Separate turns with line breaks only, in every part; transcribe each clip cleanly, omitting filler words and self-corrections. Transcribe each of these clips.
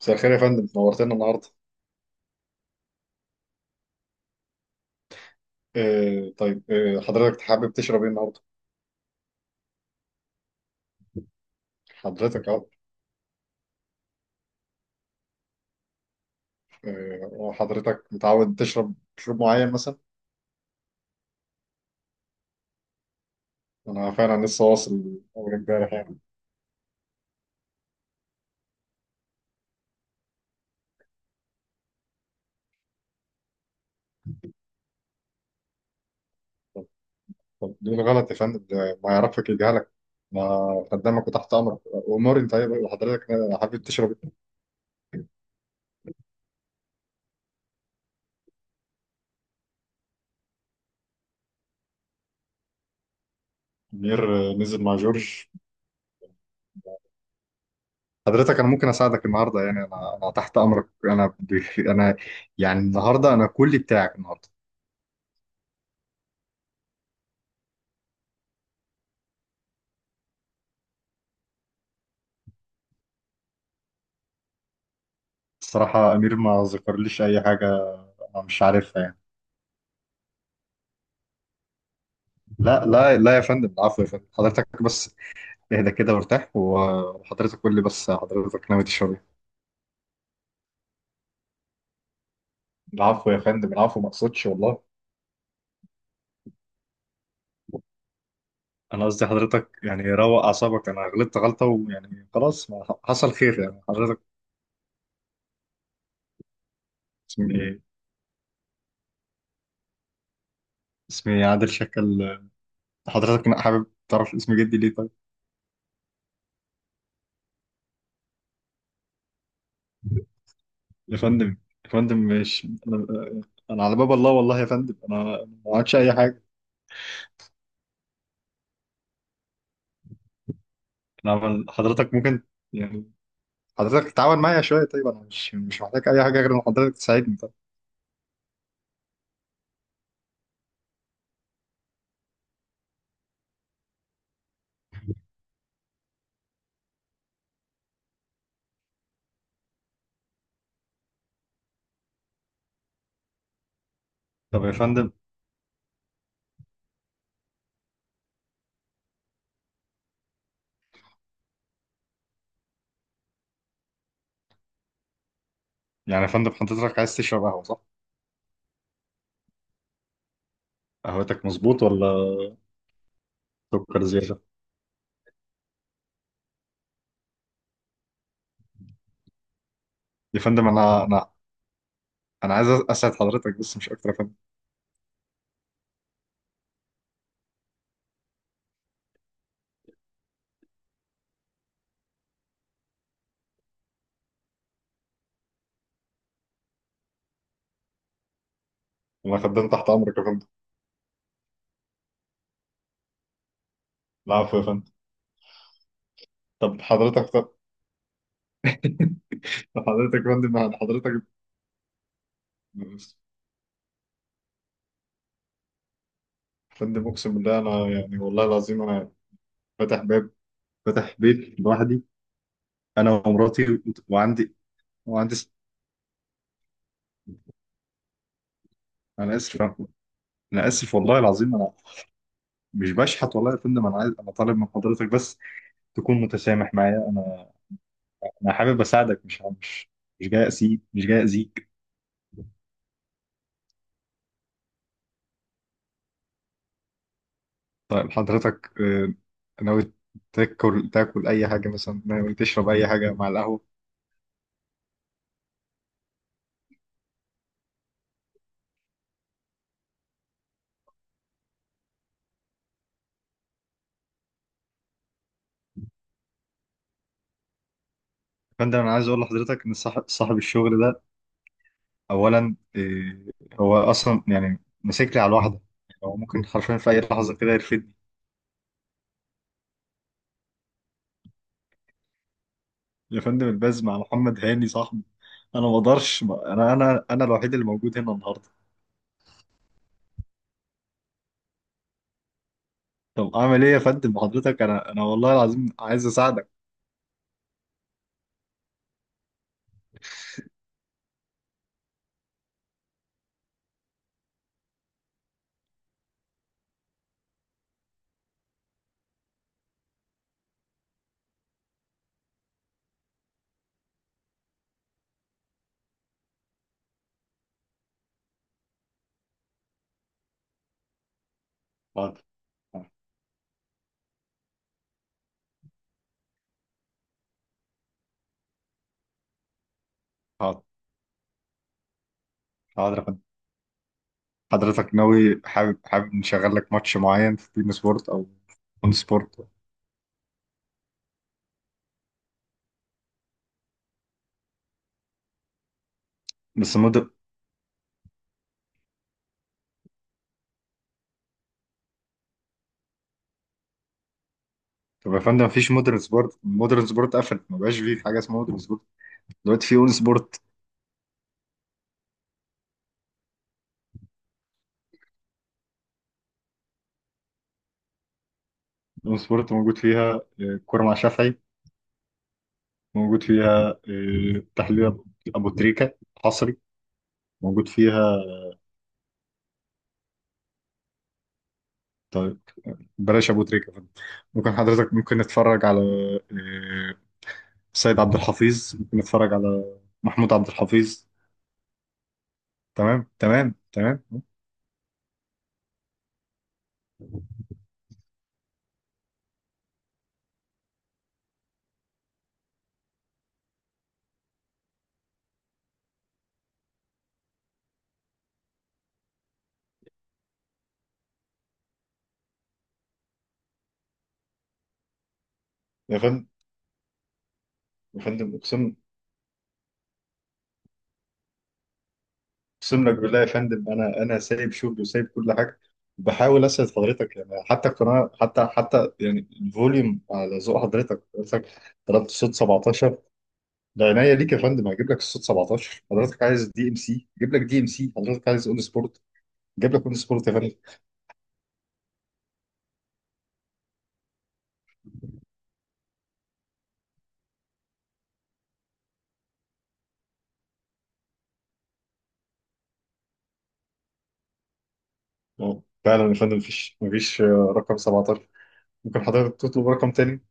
مساء الخير يا فندم، نورتنا النهارده. آه طيب، حضرتك حابب تشرب ايه النهارده؟ حضرتك اهو. حضرتك متعود تشرب مشروب معين مثلا؟ انا فعلا لسه واصل اول امبارح يعني. طب ليه غلط يا فندم؟ ده ما يعرفك يجهلك، ما خدامك وتحت امرك. اموري، انت طيب حضرتك؟ حابب تشرب ايه؟ منير، نزل مع جورج. حضرتك انا ممكن اساعدك النهارده، يعني انا تحت امرك. انا يعني النهارده انا كلي بتاعك النهارده. الصراحة أمير ما ذكرليش أي حاجة، أنا مش عارفها يعني. لا لا لا يا فندم، العفو يا فندم، حضرتك بس اهدى كده وارتاح، وحضرتك قول لي بس حضرتك ناوي تشرب إيه. العفو يا فندم، العفو، ما أقصدش والله. أنا قصدي حضرتك يعني روق أعصابك، أنا غلطت غلطة، ويعني خلاص، ما حصل خير يعني حضرتك. اسمي إيه؟ اسمي عادل شكل. حضرتك حابب تعرف اسم جدي ليه طيب؟ يا فندم، يا فندم مش أنا. أنا على باب الله والله يا فندم، أنا ما عملتش أي حاجة. نعم حضرتك، ممكن يعني حضرتك تتعاون معايا شوية طيب. أنا مش محتاج أي حاجة غير إن حضرتك تساعدني طب. طب يا فندم، يعني يا فندم حضرتك عايز تشرب قهوة صح؟ قهوتك مظبوط ولا سكر زيادة؟ يا فندم، أنا عايز أسعد حضرتك، بس مش أكتر يا فندم. أنا خدام تحت أمرك يا فندم. العفو يا فندم. طب حضرتك، طب حضرتك يا فندم يعني حضرتك، يا فندم أقسم بالله، أنا يعني والله العظيم أنا فاتح باب، فاتح بيت لوحدي، أنا ومراتي، وعندي، وعندي. أنا آسف، انا اسف والله العظيم انا مش بشحت والله يا فندم. انا طالب من حضرتك بس تكون متسامح معايا. انا حابب اساعدك، مش جاي اذيك. طيب حضرتك، ناوي تاكل اي حاجه مثلا؟ ناوي تشرب اي حاجه مع القهوه؟ يا فندم انا عايز اقول لحضرتك ان صاحب الشغل ده، اولا هو اصلا يعني ماسك لي على الواحده. يعني هو ممكن حرفيا في اي لحظه كده يرفدني. يا فندم الباز مع محمد هاني صاحبي. انا ما اقدرش، انا الوحيد اللي موجود هنا النهارده. طب اعمل ايه يا فندم؟ حضرتك، انا والله العظيم عايز اساعدك. حاضر، حاضر، حاضر يا فندم. حضرتك ناوي، حابب نشغل لك ماتش معين في بين سبورت او اون سبورت؟ بس طب يا فندم، مفيش مودرن سبورت. مودرن سبورت قفل، ما بقاش فيه حاجه اسمها مودرن سبورت. دلوقتي في اون سبورت. اون سبورت موجود فيها كوره مع شافعي، موجود فيها تحليل أبو تريكه حصري، موجود فيها. طيب بلاش ابو تريكه يا فندم. ممكن حضرتك، ممكن نتفرج على آه، سيد عبد الحفيظ؟ ممكن اتفرج على محمود عبد الحفيظ. تمام، تمام، تمام. يا فندم، يا فندم اقسم لك بالله يا فندم، انا سايب شغلي وسايب كل حاجه، وبحاول اسعد حضرتك. يعني حتى القناه، حتى يعني الفوليوم على ذوق حضرتك طلبت صوت 17، ده عينيا ليك يا فندم، هجيب لك الصوت 17. حضرتك عايز DMC، جيب لك DMC. حضرتك عايز اون سبورت، جيب لك اون سبورت يا فندم. فعلا يا فندم، مفيش رقم 17. ممكن حضرتك تطلب رقم تاني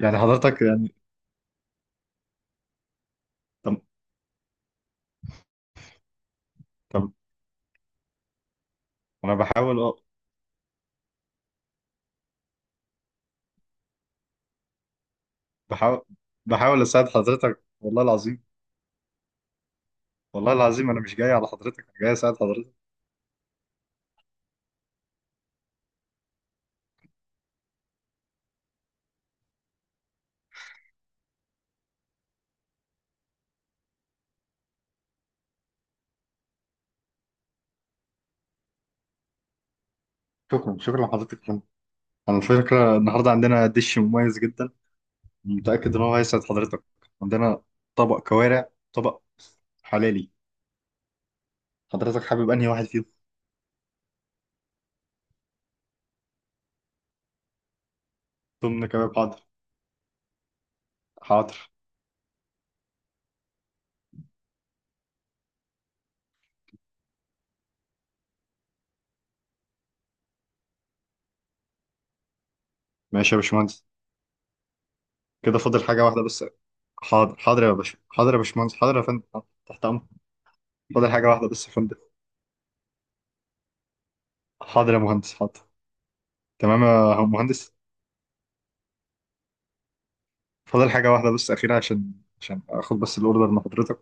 يعني حضرتك. طب طب انا بحاول، بحاول بحاول اساعد حضرتك والله العظيم. والله العظيم، انا مش جاي على حضرتك، انا جاي اساعد حضرتك. شكرا، شكرا لحضرتك يا فندم. على فكره النهارده عندنا دش مميز جدا، متاكد ان هو هيسعد حضرتك. عندنا طبق كوارع، طبق حلالي. حضرتك حابب انهي واحد فيهم؟ ضمن كباب، حاضر. حاضر، ماشي يا باشمهندس. كده فاضل حاجه واحده بس. حاضر، حاضر يا باشا، حاضر يا باشمهندس، حاضر يا فندم، حاضر. تحت امر. فاضل حاجه واحده بس يا فندم. حاضر يا مهندس، حاضر. تمام يا مهندس. فاضل حاجة واحدة بس أخيرة، عشان آخد بس الأوردر من حضرتك.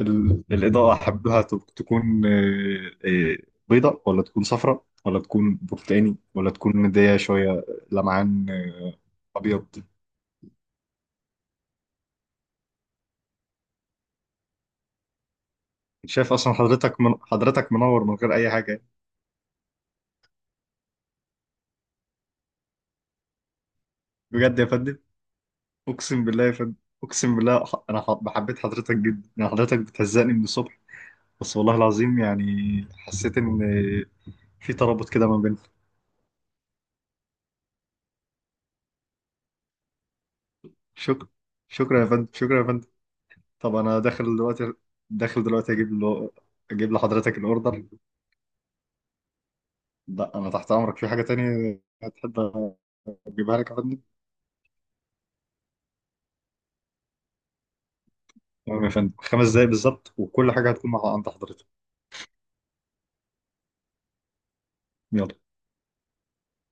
الإضاءة أحبها تكون، بيضاء، ولا تكون صفراء، ولا تكون برتقاني، ولا تكون مدية شوية لمعان، أبيض. شايف أصلا حضرتك، من حضرتك منور من غير أي حاجة. بجد يا فندم. أقسم بالله يا فندم، أقسم بالله، أنا بحبيت حضرتك جدا. يعني حضرتك بتهزقني من الصبح بس، والله العظيم يعني حسيت إن في ترابط كده ما بيننا. شكرا، شكرا يا فندم، شكرا يا فندم. طب انا داخل دلوقتي، داخل دلوقتي اجيب له اجيب لحضرتك الاوردر. لا، انا تحت امرك، في حاجه تانية هتحب اجيبها لك يا فندم؟ تمام يا فندم، 5 دقايق بالظبط وكل حاجه هتكون مع عند حضرتك. يلا.